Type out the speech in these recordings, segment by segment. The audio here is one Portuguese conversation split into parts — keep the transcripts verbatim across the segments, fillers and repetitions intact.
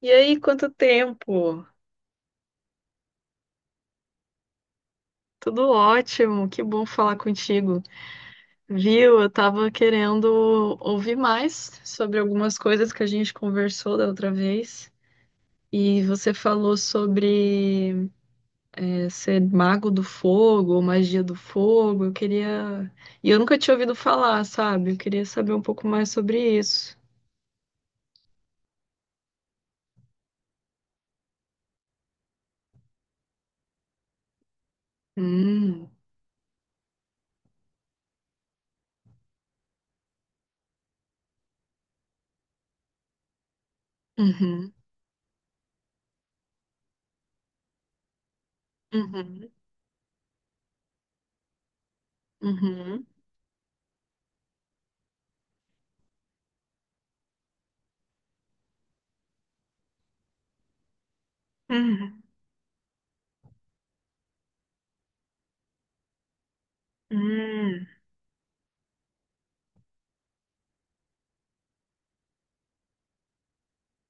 E aí, quanto tempo? Tudo ótimo, que bom falar contigo. Viu? Eu tava querendo ouvir mais sobre algumas coisas que a gente conversou da outra vez. E você falou sobre eh, ser mago do fogo, ou magia do fogo. Eu queria. E eu nunca tinha ouvido falar, sabe? Eu queria saber um pouco mais sobre isso. Hum. Uhum. Uhum. Uhum. Uhum. Uhum.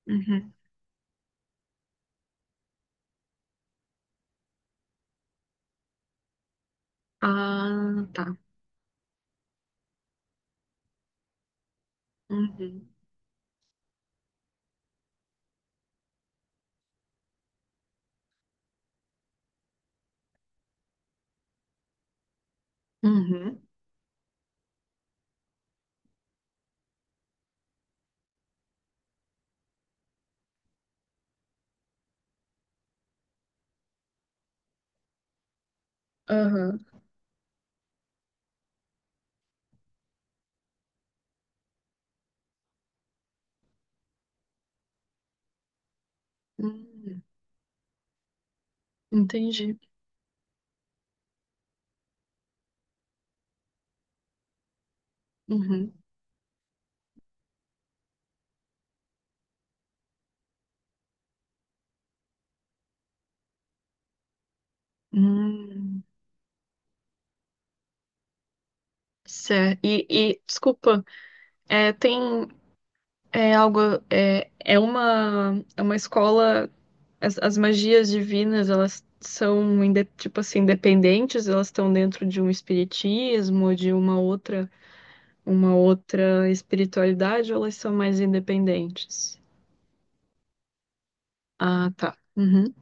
Uhum. Ah, tá. Uhum. Uhum. Aham. Hum, entendi. Uhum. Hum, certo. E, e, desculpa, é, tem é algo é, é uma é uma escola as, as magias divinas elas são inde- tipo assim independentes, elas estão dentro de um espiritismo, de uma outra uma outra espiritualidade, ou elas são mais independentes? Ah, tá. Uhum.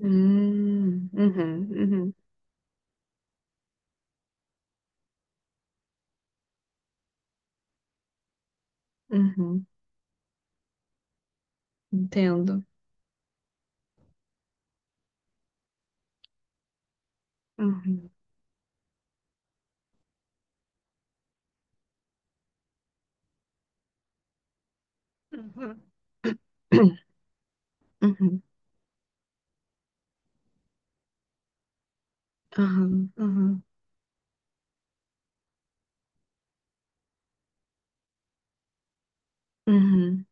Hum, uhum, uhum, uhum. Entendo. Uhum. Uhum. Uhum. Aham. Uhum. Uhum.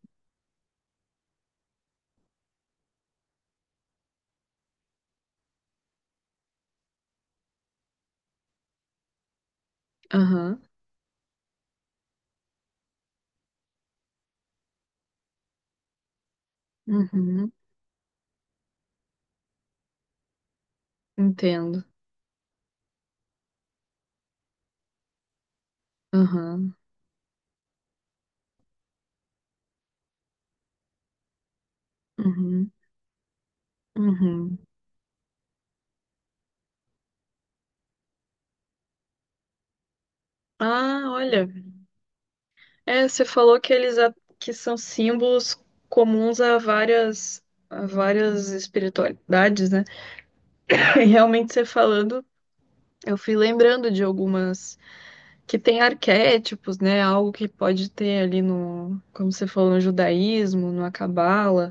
Aham. Uhum. Entendo. Aham. Uhum. Uhum. Ah, olha. É, você falou que eles a- que são símbolos comuns a várias a várias espiritualidades, né? E realmente você falando, eu fui lembrando de algumas que tem arquétipos, né? Algo que pode ter ali no, como você falou, no judaísmo, na cabala.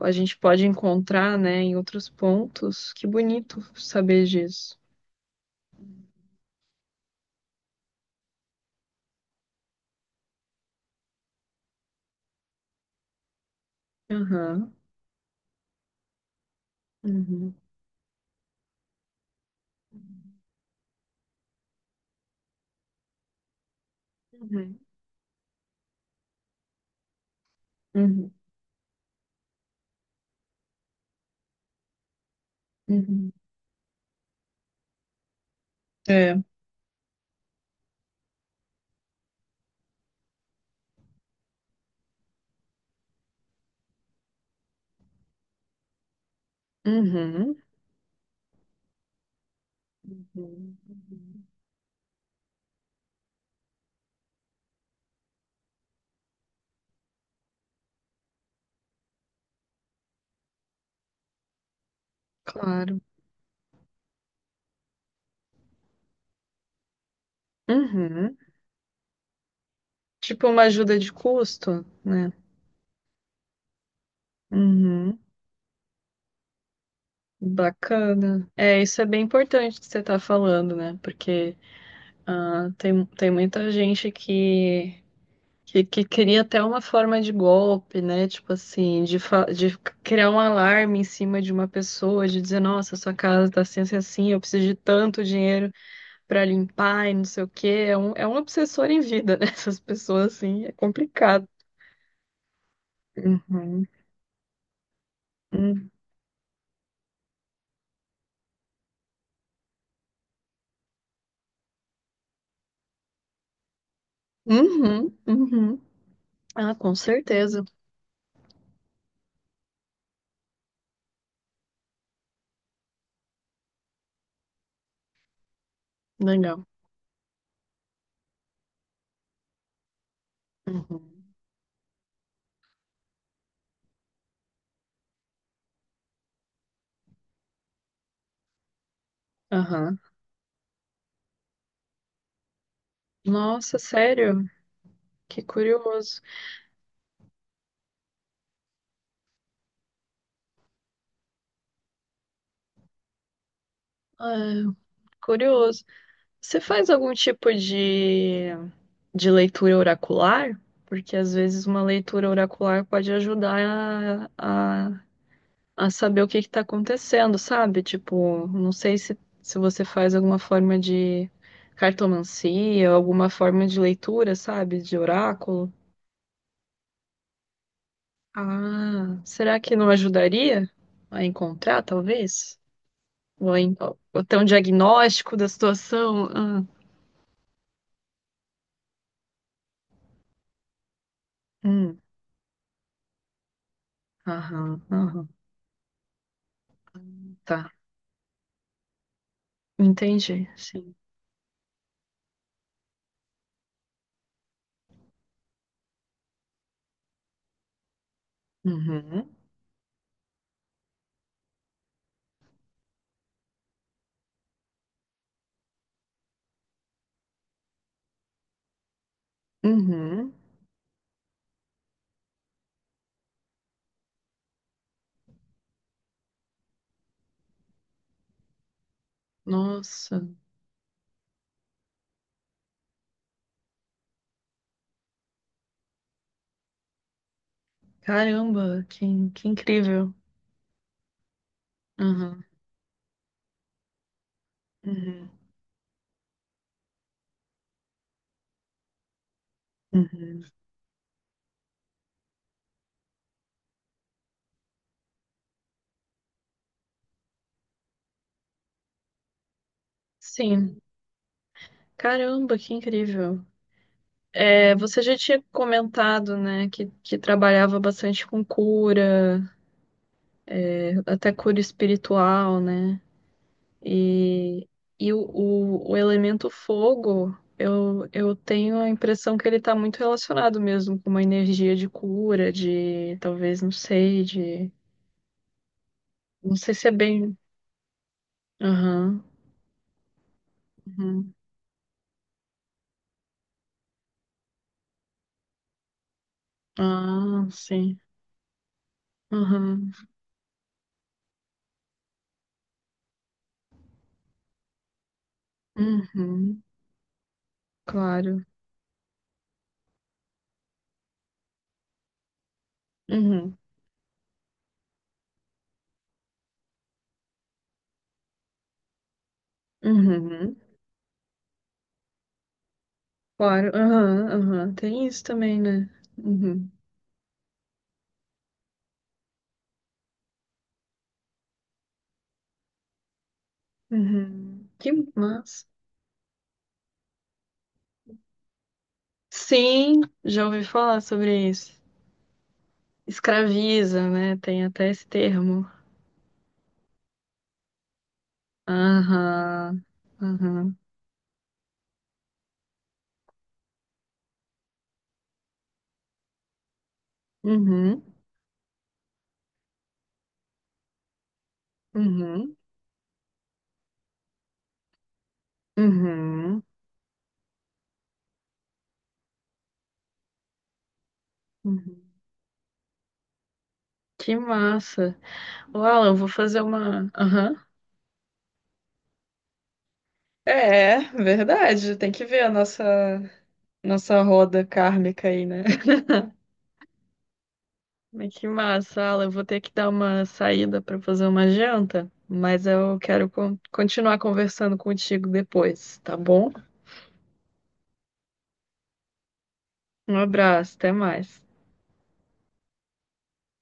A gente pode encontrar, né, em outros pontos. Que bonito saber disso. Aham. Uhum. Uhum. Uhum. Uhum. É. Uhum. Uhum. Uhum. Claro. Uhum. Tipo uma ajuda de custo, né? Uhum. Bacana. É, isso é bem importante que você tá falando, né? Porque ah, tem, tem muita gente que Que, que cria até uma forma de golpe, né? Tipo assim, de, fa- de criar um alarme em cima de uma pessoa, de dizer, nossa, sua casa tá assim, assim, assim, eu preciso de tanto dinheiro pra limpar e não sei o quê. É um, é um obsessor em vida, né? Essas pessoas, assim, é complicado. Uhum, uhum, uhum. Uhum. Ah, com certeza. Legal. Uhum. Aham. Nossa, sério? Que curioso. Ah, curioso. Você faz algum tipo de, de leitura oracular? Porque às vezes uma leitura oracular pode ajudar a, a, a saber o que está acontecendo, sabe? Tipo, não sei se, se você faz alguma forma de cartomancia, alguma forma de leitura, sabe? De oráculo. Ah, será que não ajudaria a encontrar, talvez? Ou, em- ou ter um diagnóstico da situação? Ah, hum, aham, aham, tá. Entendi, sim. Uhum, uhum. Nossa, caramba, que, que incrível. Uhum, uhum, uhum. Sim, caramba, que incrível. É, você já tinha comentado, né, que, que trabalhava bastante com cura, até cura espiritual, né? E, e o, o, o elemento fogo, eu, eu tenho a impressão que ele está muito relacionado mesmo com uma energia de cura, de talvez, não sei, de não sei se é bem. Aham. Uhum. Ah, sim. Aham. Uhum. Claro. Uhum. Uhum. Claro. Aham. Aham. Tem isso também, né? Uhum. Uhum. Que massa. Sim, já ouvi falar sobre isso. Escraviza, né? Tem até esse termo. Aham. Aham. Uhum. Uhum. Uhum. Uhum. Que massa. Uau, eu vou fazer uma. Aham. É, verdade. Tem que ver a nossa, nossa roda kármica aí, né? Mas que massa, Alan. Eu vou ter que dar uma saída para fazer uma janta, mas eu quero con- continuar conversando contigo depois, tá bom? Um abraço, até mais.